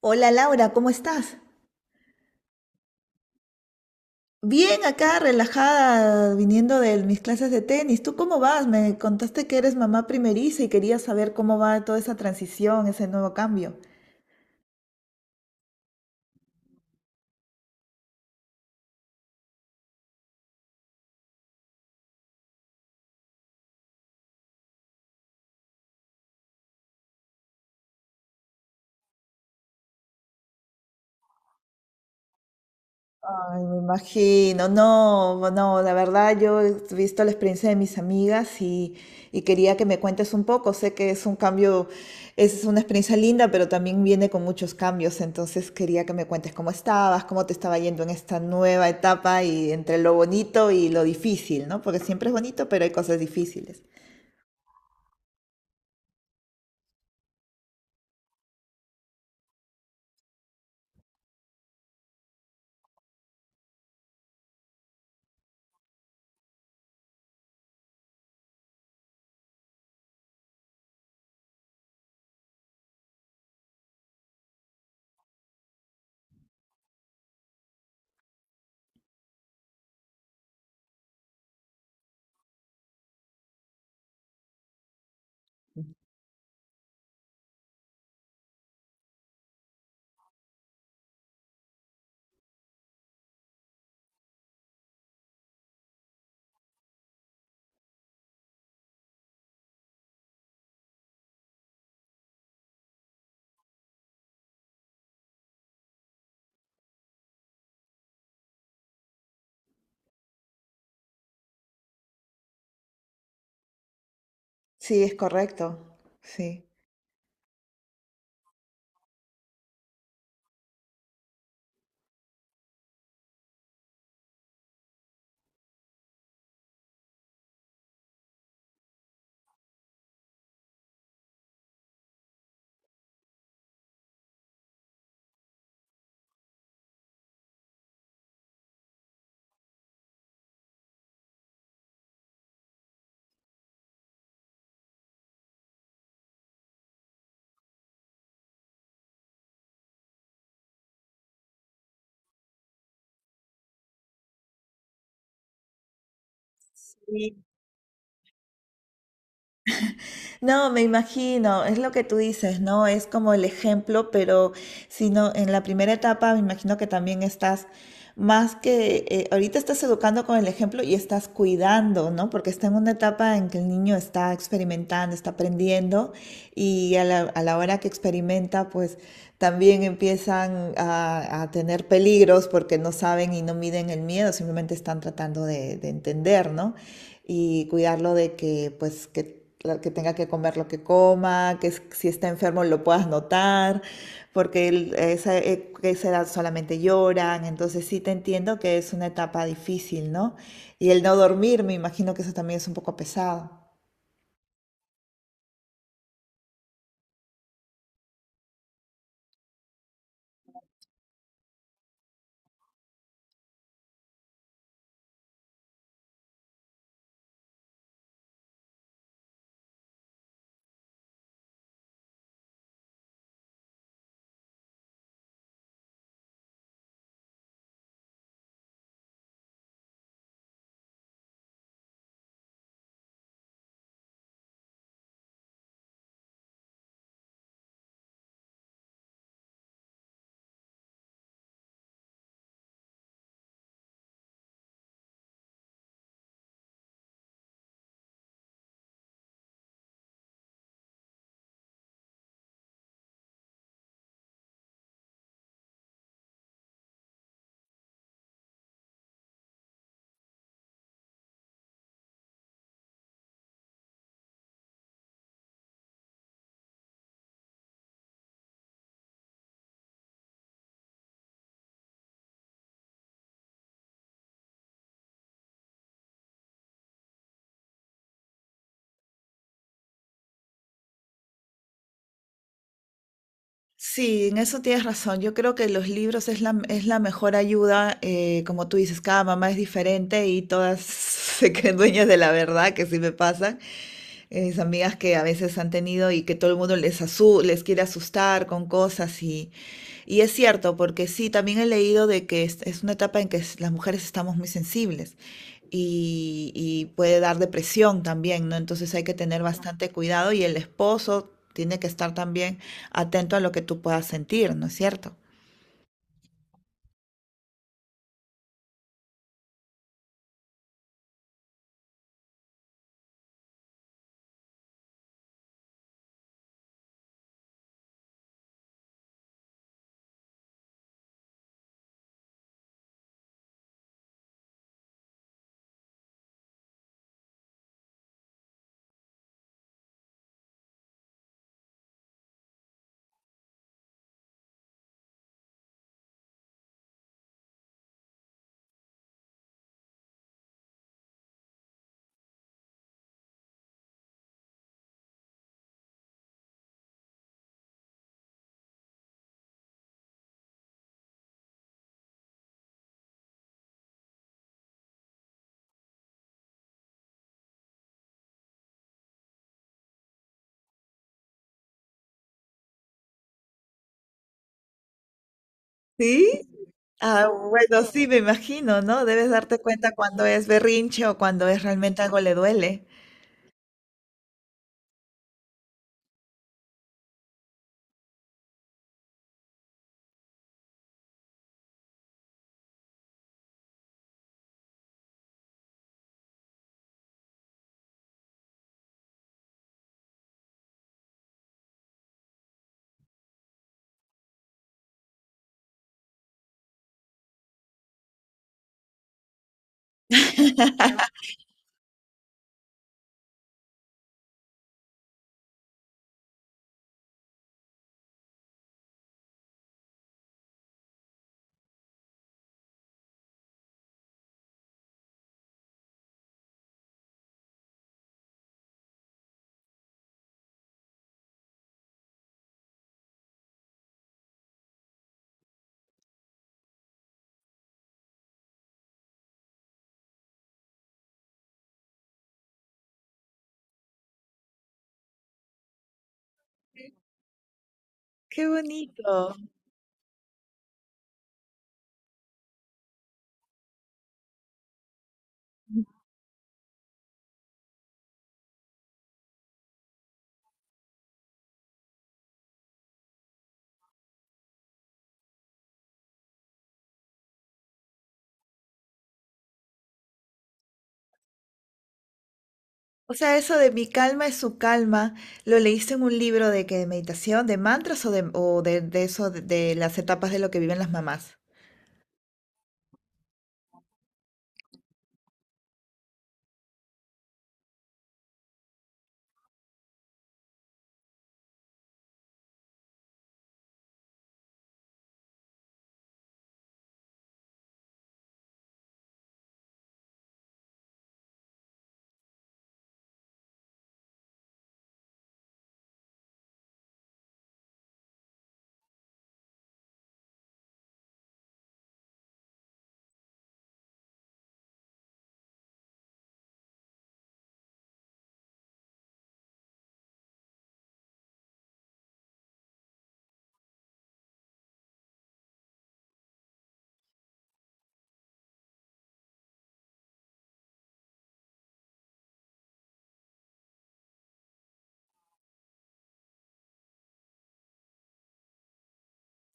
Hola Laura, ¿cómo estás? Bien, acá relajada, viniendo de mis clases de tenis. ¿Tú cómo vas? Me contaste que eres mamá primeriza y quería saber cómo va toda esa transición, ese nuevo cambio. Ay, me imagino, no, no, la verdad yo he visto la experiencia de mis amigas y quería que me cuentes un poco. Sé que es un cambio, es una experiencia linda, pero también viene con muchos cambios, entonces quería que me cuentes cómo estabas, cómo te estaba yendo en esta nueva etapa y entre lo bonito y lo difícil, ¿no? Porque siempre es bonito, pero hay cosas difíciles. Sí, es correcto, sí. No, me imagino, es lo que tú dices, ¿no? Es como el ejemplo, pero si no, en la primera etapa me imagino que también estás más que ahorita estás educando con el ejemplo y estás cuidando, ¿no? Porque está en una etapa en que el niño está experimentando, está aprendiendo y a la hora que experimenta, pues también empiezan a tener peligros porque no saben y no miden el miedo, simplemente están tratando de entender, ¿no? Y cuidarlo de que, pues, que tenga que comer lo que coma, que si está enfermo lo puedas notar, porque él, esa edad solamente lloran, entonces sí te entiendo que es una etapa difícil, ¿no? Y el no dormir, me imagino que eso también es un poco pesado. Sí, en eso tienes razón. Yo creo que los libros es la mejor ayuda. Como tú dices, cada mamá es diferente y todas se creen dueñas de la verdad, que sí me pasa. Mis amigas que a veces han tenido y que todo el mundo les, les quiere asustar con cosas y es cierto, porque sí, también he leído de que es una etapa en que las mujeres estamos muy sensibles y puede dar depresión también, ¿no? Entonces hay que tener bastante cuidado y el esposo. Tiene que estar también atento a lo que tú puedas sentir, ¿no es cierto? ¿Sí? Ah, bueno, sí, me imagino, ¿no? Debes darte cuenta cuando es berrinche o cuando es realmente algo le duele. Qué bonito. O sea, eso de mi calma es su calma, ¿lo leíste en un libro de que de meditación, de mantras o de eso, de las etapas de lo que viven las mamás?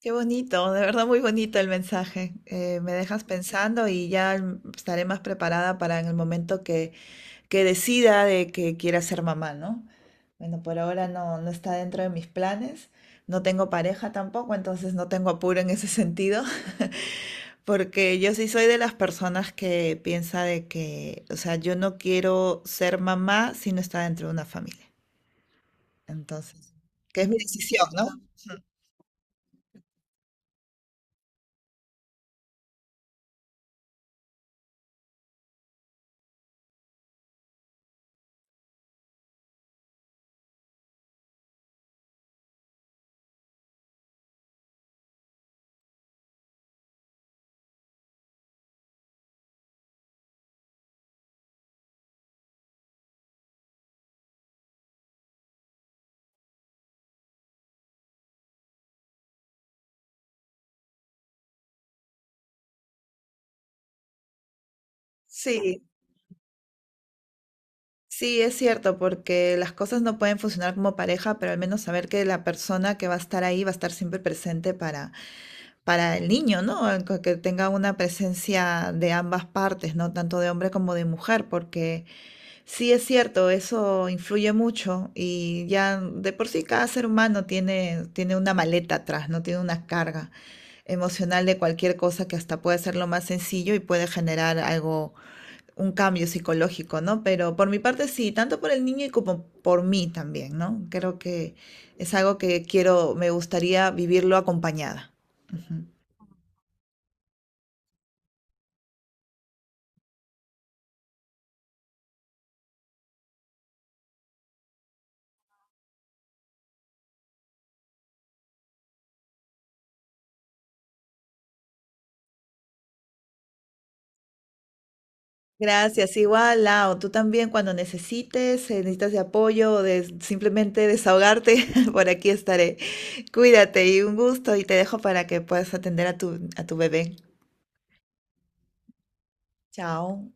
Qué bonito, de verdad muy bonito el mensaje. Me dejas pensando y ya estaré más preparada para en el momento que decida de que quiera ser mamá, ¿no? Bueno, por ahora no, no está dentro de mis planes. No tengo pareja tampoco, entonces no tengo apuro en ese sentido, porque yo sí soy de las personas que piensa de que, o sea, yo no quiero ser mamá si no está dentro de una familia. Entonces, que es mi decisión, ¿no? Sí, sí, es cierto, porque las cosas no pueden funcionar como pareja, pero al menos saber que la persona que va a estar ahí va a estar siempre presente para el niño, ¿no? El que tenga una presencia de ambas partes, ¿no? Tanto de hombre como de mujer, porque sí es cierto, eso influye mucho y ya de por sí cada ser humano tiene, tiene una maleta atrás, ¿no? Tiene una carga emocional de cualquier cosa que hasta puede ser lo más sencillo y puede generar algo un cambio psicológico, ¿no? Pero por mi parte sí, tanto por el niño y como por mí también, ¿no? Creo que es algo que quiero, me gustaría vivirlo acompañada. Ujú. Gracias, igual, Lau, tú también cuando necesites, necesitas de apoyo o de simplemente desahogarte, por aquí estaré. Cuídate y un gusto y te dejo para que puedas atender a tu bebé. Chao.